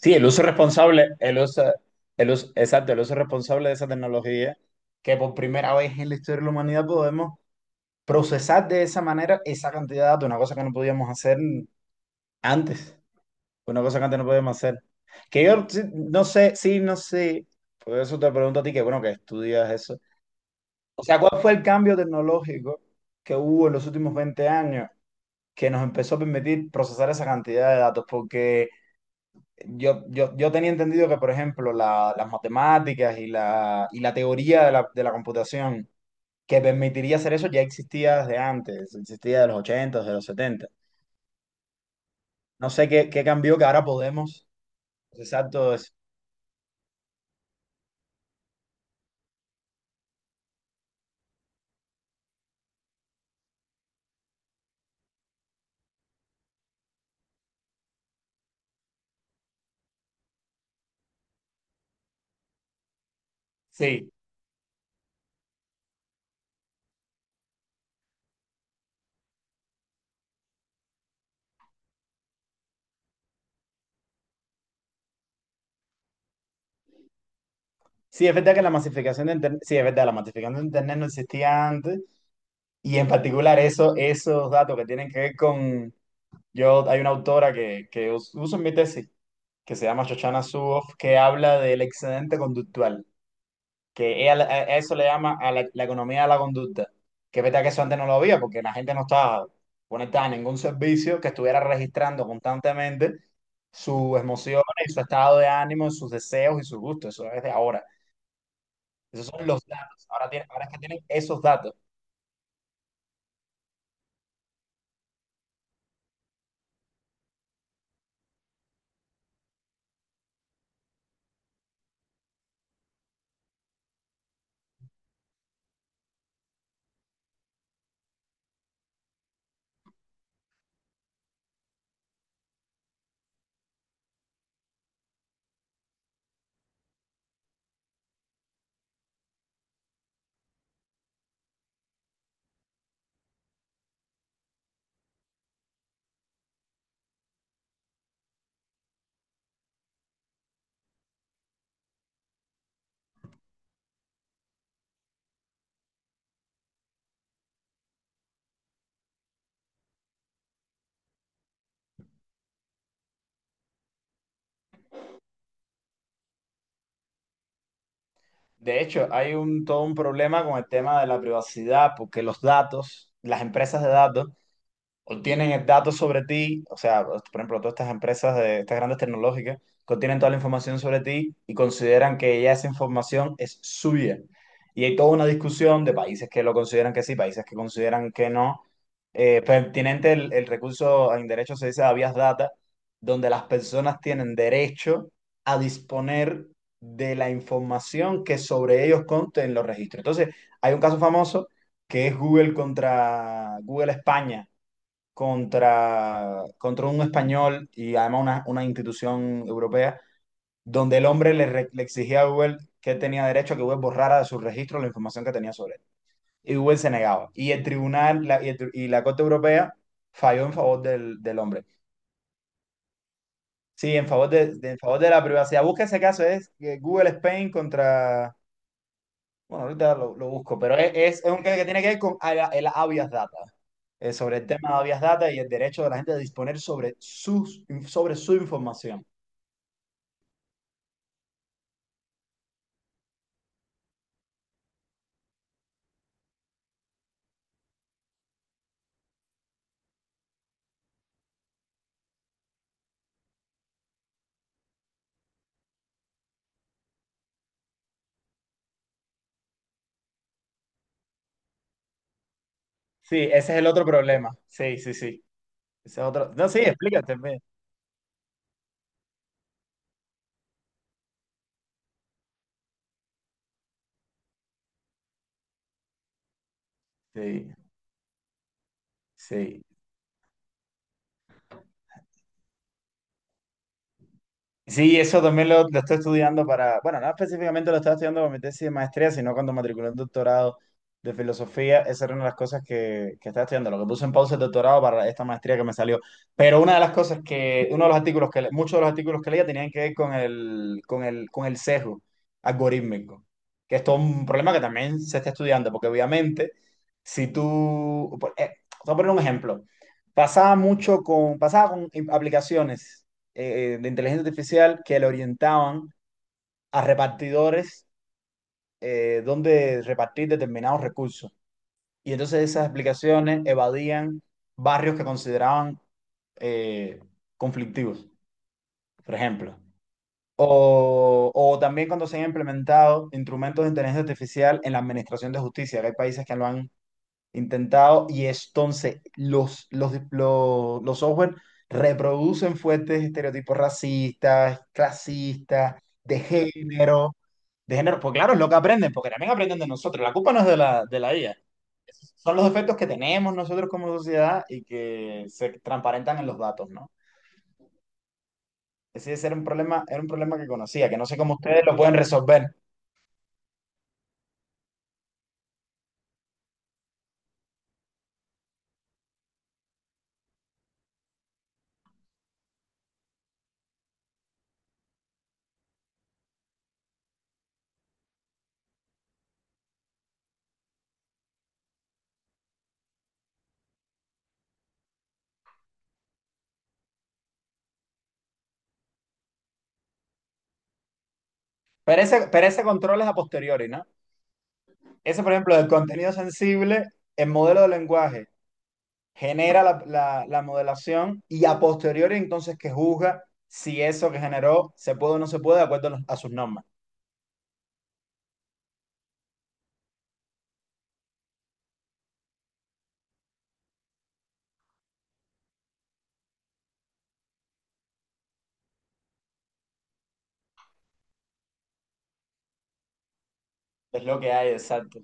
Sí, el uso responsable, exacto, el uso responsable de esa tecnología que por primera vez en la historia de la humanidad podemos procesar de esa manera esa cantidad de datos, una cosa que no podíamos hacer antes, una cosa que antes no podíamos hacer. Que yo sí, no sé, por eso te pregunto a ti que bueno, que estudias eso. O sea, ¿cuál fue el cambio tecnológico que hubo en los últimos 20 años que nos empezó a permitir procesar esa cantidad de datos? Porque yo tenía entendido que, por ejemplo, las matemáticas y la teoría de de la computación que permitiría hacer eso ya existía desde antes, existía de los 80, de los 70. No sé qué, qué cambió que ahora podemos. Exacto, sí. Sí, es verdad que la masificación de Internet, sí, es verdad, la masificación de Internet no existía antes. Y en particular eso, esos datos que tienen que ver con... Yo, hay una autora que, uso en mi tesis, que se llama Shoshana Zuboff, que habla del excedente conductual. Que ella, a eso le llama la economía de la conducta. Que es verdad que eso antes no lo había, porque la gente no estaba conectada a ningún servicio que estuviera registrando constantemente sus emociones, y su estado de ánimo, sus deseos y sus gustos. Eso es de ahora. Esos son los datos. Ahora, ahora es que tienen esos datos. De hecho, hay un, todo un problema con el tema de la privacidad, porque los datos, las empresas de datos, obtienen el dato sobre ti, o sea, por ejemplo, todas estas empresas de estas grandes tecnológicas que obtienen toda la información sobre ti y consideran que ya esa información es suya. Y hay toda una discusión de países que lo consideran que sí, países que consideran que no. Pertinente el recurso en derecho se dice habeas data, donde las personas tienen derecho a disponer de la información que sobre ellos conste en los registros. Entonces, hay un caso famoso que es Google contra Google España contra, contra un español y además una institución europea, donde el hombre le exigía a Google que él tenía derecho a que Google borrara de su registro la información que tenía sobre él. Y Google se negaba. Y el tribunal la- y, el tri- y la Corte Europea falló en favor del hombre. Sí, en favor en favor de la privacidad. Busca ese caso, es Google Spain contra... Bueno, ahorita lo busco, pero es un caso que tiene que ver con el habeas data. Sobre el tema de habeas data y el derecho de la gente a disponer sobre, sus, sobre su información. Sí, ese es el otro problema. Sí, sí, sí. Ese es otro. No, sí, explícate. Ve. Sí, sí. Sí, eso también lo estoy estudiando para, bueno, no específicamente lo estaba estudiando para mi tesis de maestría, sino cuando matriculé un doctorado de filosofía, esa era una de las cosas que estaba estudiando, lo que puse en pausa el doctorado para esta maestría que me salió. Pero una de las cosas que, uno de los artículos que, muchos de los artículos que leía tenían que ver con con el sesgo algorítmico, que esto es todo un problema que también se está estudiando, porque obviamente, si tú, te voy a poner un ejemplo, pasaba mucho con, pasaba con aplicaciones de inteligencia artificial que le orientaban a repartidores donde repartir determinados recursos. Y entonces esas aplicaciones evadían barrios que consideraban eh, conflictivos, por ejemplo. O también cuando se han implementado instrumentos de inteligencia artificial en la administración de justicia, que hay países que lo han intentado y entonces los software reproducen fuertes estereotipos racistas, clasistas, de género, de género, pues claro, es lo que aprenden, porque también aprenden de nosotros, la culpa no es de la IA, son los defectos que tenemos nosotros como sociedad y que se transparentan en los datos, ¿no? Ese era un problema que conocía, que no sé cómo ustedes lo pueden resolver. Pero ese control es a posteriori, ¿no? Ese, por ejemplo, del contenido sensible, el modelo de lenguaje genera la modelación y a posteriori entonces que juzga si eso que generó se puede o no se puede de acuerdo a sus normas. Es lo que hay, exacto.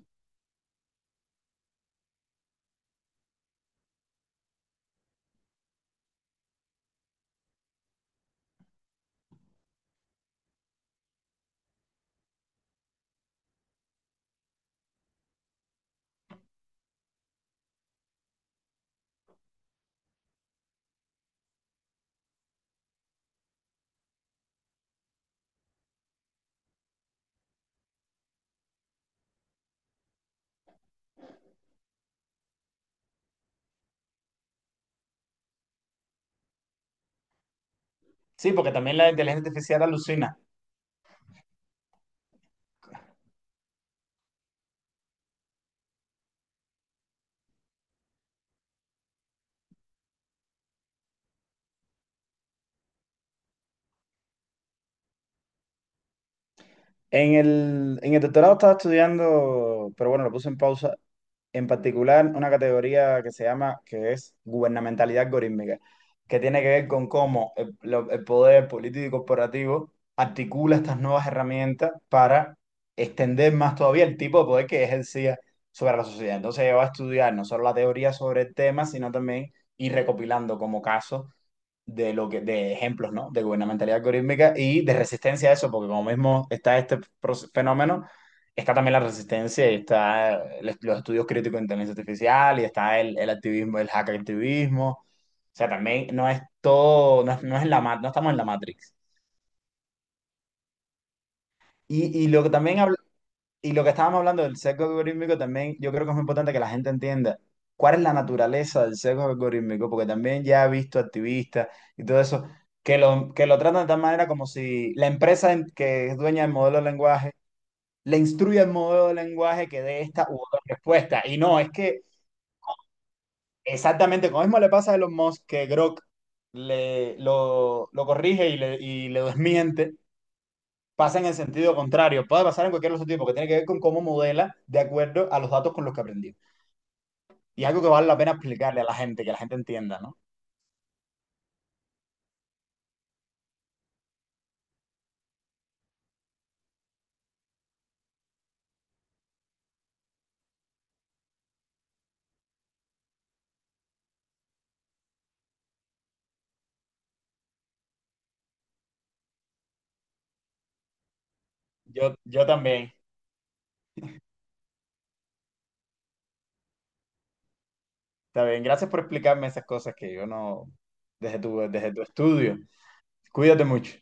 Sí, porque también la inteligencia artificial alucina. En en el doctorado estaba estudiando, pero bueno, lo puse en pausa, en particular una categoría que se llama, que es gubernamentalidad algorítmica, que tiene que ver con cómo el poder político y corporativo articula estas nuevas herramientas para extender más todavía el tipo de poder que ejercía sobre la sociedad. Entonces, yo va a estudiar no solo la teoría sobre el tema, sino también ir recopilando como casos de lo que, de ejemplos, ¿no? De gubernamentalidad algorítmica y de resistencia a eso, porque como mismo está este fenómeno, está también la resistencia y está los estudios críticos de inteligencia artificial y está el activismo, el hackactivismo. O sea, también no es todo, no, no es no estamos en la Matrix. Y lo que también habla. Y lo que estábamos hablando del sesgo algorítmico también, yo creo que es muy importante que la gente entienda cuál es la naturaleza del sesgo algorítmico, porque también ya he visto activistas y todo eso que lo tratan de tal manera como si la empresa que es dueña del modelo de lenguaje le instruye el modelo de lenguaje que dé esta u otra respuesta. Y no, es que exactamente como mismo le pasa a Elon Musk que Grok lo corrige y le desmiente, pasa en el sentido contrario. Puede pasar en cualquier otro tipo, que tiene que ver con cómo modela de acuerdo a los datos con los que aprendió. Y es algo que vale la pena explicarle a la gente, que la gente entienda, ¿no? Yo también. Está bien. Gracias por explicarme esas cosas que yo no. Desde tu estudio. Cuídate mucho.